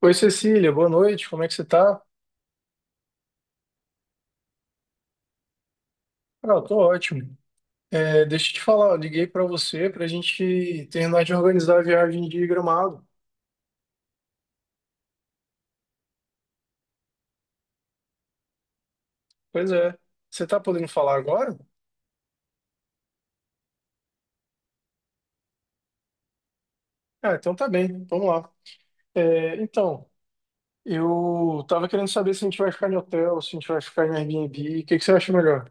Oi, Cecília, boa noite, como é que você tá? Ah, eu tô ótimo. É, deixa eu te falar, eu liguei pra você pra gente terminar de organizar a viagem de Gramado. Pois é, você tá podendo falar agora? Ah, então tá bem, vamos lá. É, então, eu tava querendo saber se a gente vai ficar em hotel, se a gente vai ficar em Airbnb, o que que você acha melhor?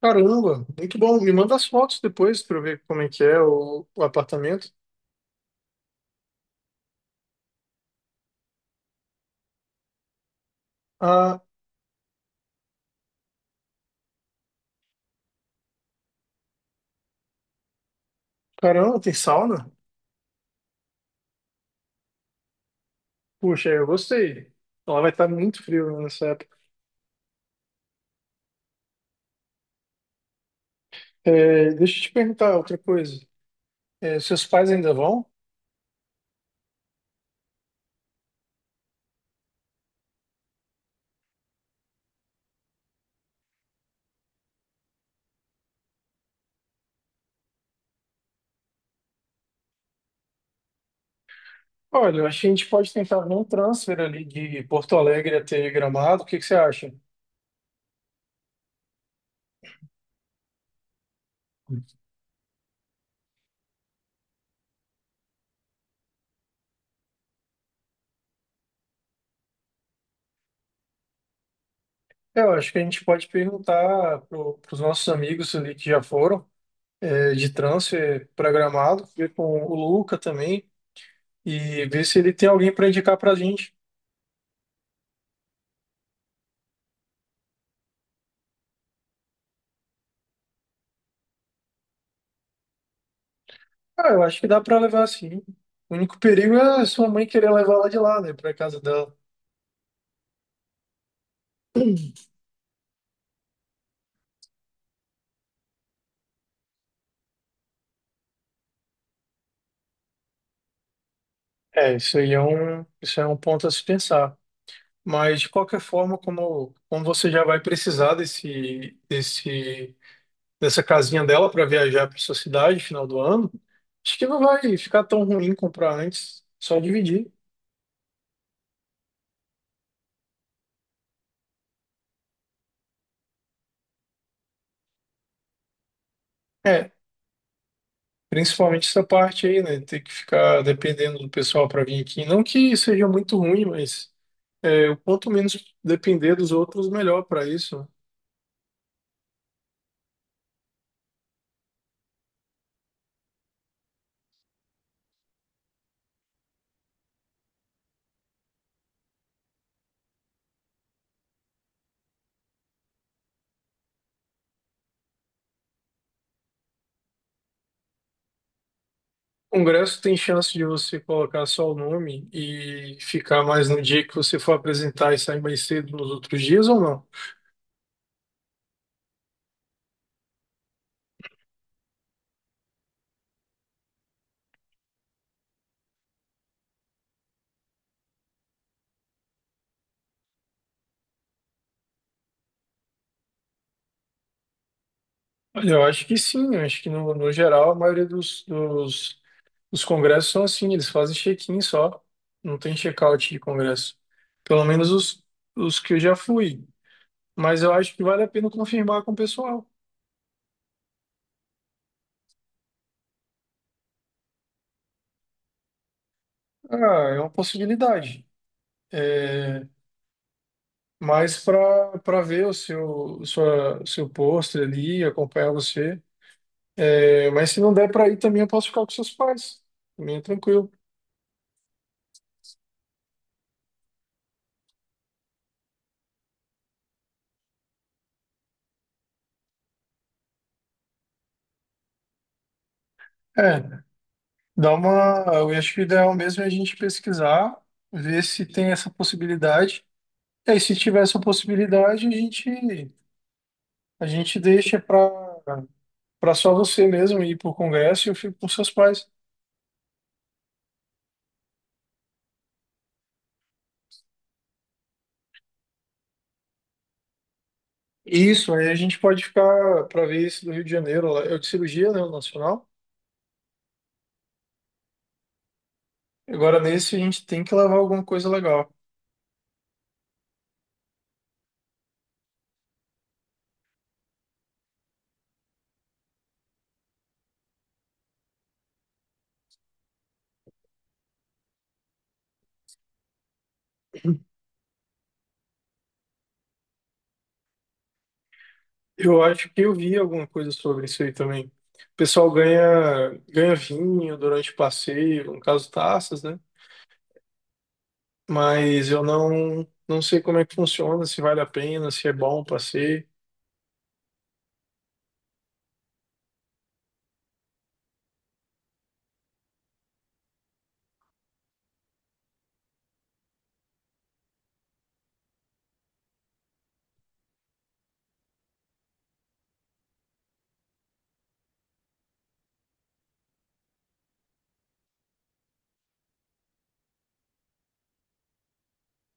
Caramba, muito bom, me manda as fotos depois pra eu ver como é que é o apartamento. Ah, caramba, tem sauna? Puxa, eu gostei. Ela vai estar muito frio né, nessa época. É, deixa eu te perguntar outra coisa. É, seus pais ainda vão? Olha, eu acho que a gente pode tentar ver um transfer ali de Porto Alegre até Gramado. O que que você acha? Eu acho que a gente pode perguntar para os nossos amigos ali que já foram é, de transfer para Gramado, ver com o Luca também e ver se ele tem alguém para indicar para a gente. Ah, eu acho que dá para levar sim. O único perigo é sua mãe querer levar ela de lá, né, para casa dela. É, isso aí é um, isso é um ponto a se pensar. Mas de qualquer forma, como, como você já vai precisar desse dessa casinha dela para viajar para sua cidade final do ano, acho que não vai ficar tão ruim comprar antes, só dividir. É, principalmente essa parte aí, né? Ter que ficar dependendo do pessoal para vir aqui. Não que seja muito ruim, mas é, o quanto menos depender dos outros, melhor para isso. né? Congresso tem chance de você colocar só o nome e ficar mais no dia que você for apresentar e sair mais cedo nos outros dias ou não? Olha, eu acho que sim, eu acho que no geral a maioria dos dos congressos são assim, eles fazem check-in só, não tem check-out de congresso. Pelo menos os que eu já fui, mas eu acho que vale a pena confirmar com o pessoal. Ah, é uma possibilidade. É, mas para ver o seu, sua, seu pôster ali, acompanhar você. É, mas se não der para ir também, eu posso ficar com seus pais. Também é tranquilo. É. Dá uma, eu acho que o ideal mesmo é a gente pesquisar, ver se tem essa possibilidade. É, e aí, se tiver essa possibilidade, a gente deixa para só você mesmo ir para o Congresso e eu fico com seus pais. Isso, aí a gente pode ficar para ver esse do Rio de Janeiro, lá. É o de cirurgia, né, o nacional. Agora nesse a gente tem que levar alguma coisa legal. Eu acho que eu vi alguma coisa sobre isso aí também. O pessoal ganha, ganha vinho durante o passeio, no caso taças, né? Mas eu não, não sei como é que funciona, se vale a pena, se é bom o passeio.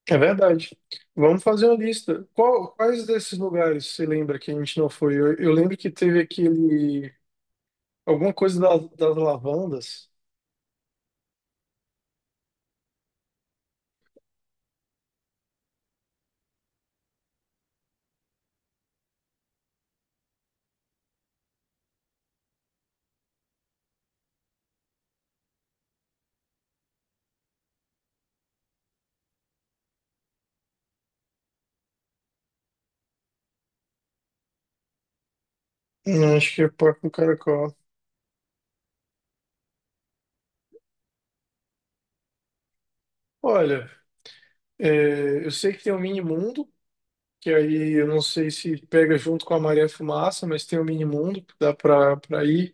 É verdade. Vamos fazer uma lista. Quais desses lugares você lembra que a gente não foi? Eu lembro que teve aquele. Alguma coisa das lavandas. Acho que é Parque do Caracol. Olha, é, eu sei que tem o Mini Mundo, que aí eu não sei se pega junto com a Maré Fumaça, mas tem o Mini Mundo que dá para ir.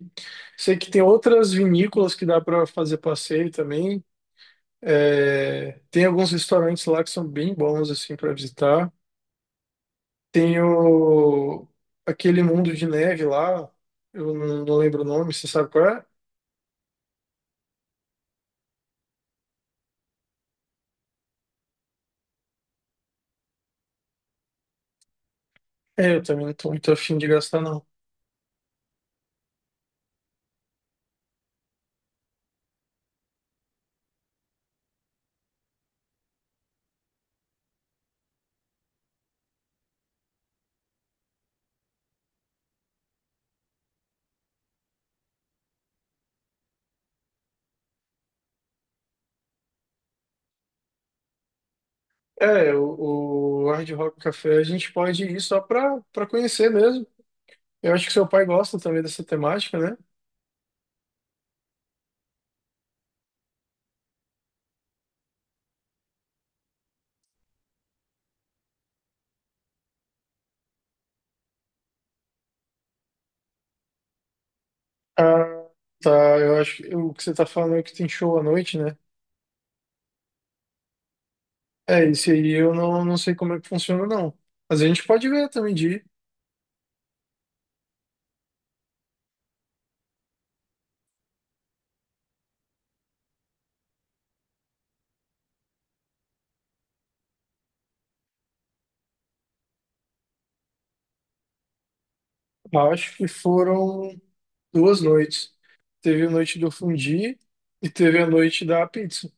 Sei que tem outras vinícolas que dá para fazer passeio também. É, tem alguns restaurantes lá que são bem bons assim para visitar. Tem o, aquele mundo de neve lá, eu não lembro o nome, você sabe qual é? É, eu também não tô muito afim de gastar não. É, o Hard Rock Café a gente pode ir só para conhecer mesmo. Eu acho que seu pai gosta também dessa temática, né? Ah, tá. Eu acho que o que você tá falando é que tem show à noite, né? É, esse aí eu não, não sei como é que funciona, não. Mas a gente pode ver também de ir. Eu acho que foram duas noites. Teve a noite do fundi e teve a noite da pizza.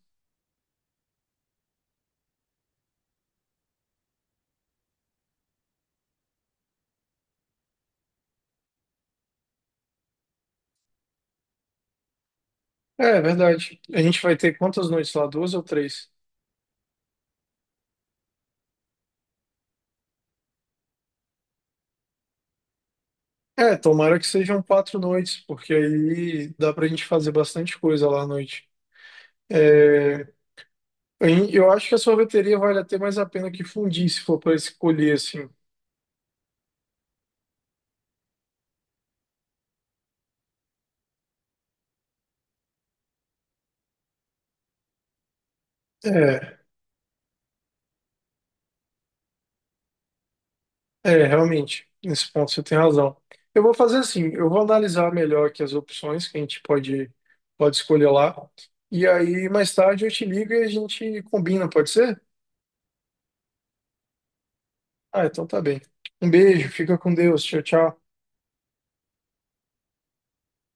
É, é verdade. A gente vai ter quantas noites lá? Duas ou três? É, tomara que sejam quatro noites, porque aí dá pra gente fazer bastante coisa lá à noite. É, eu acho que a sorveteria vale até mais a pena que fundir, se for para escolher assim. É. É, realmente, nesse ponto você tem razão. Eu vou fazer assim, eu vou analisar melhor aqui as opções que pode escolher lá. E aí, mais tarde, eu te ligo e a gente combina, pode ser? Ah, então tá bem. Um beijo, fica com Deus, tchau, tchau.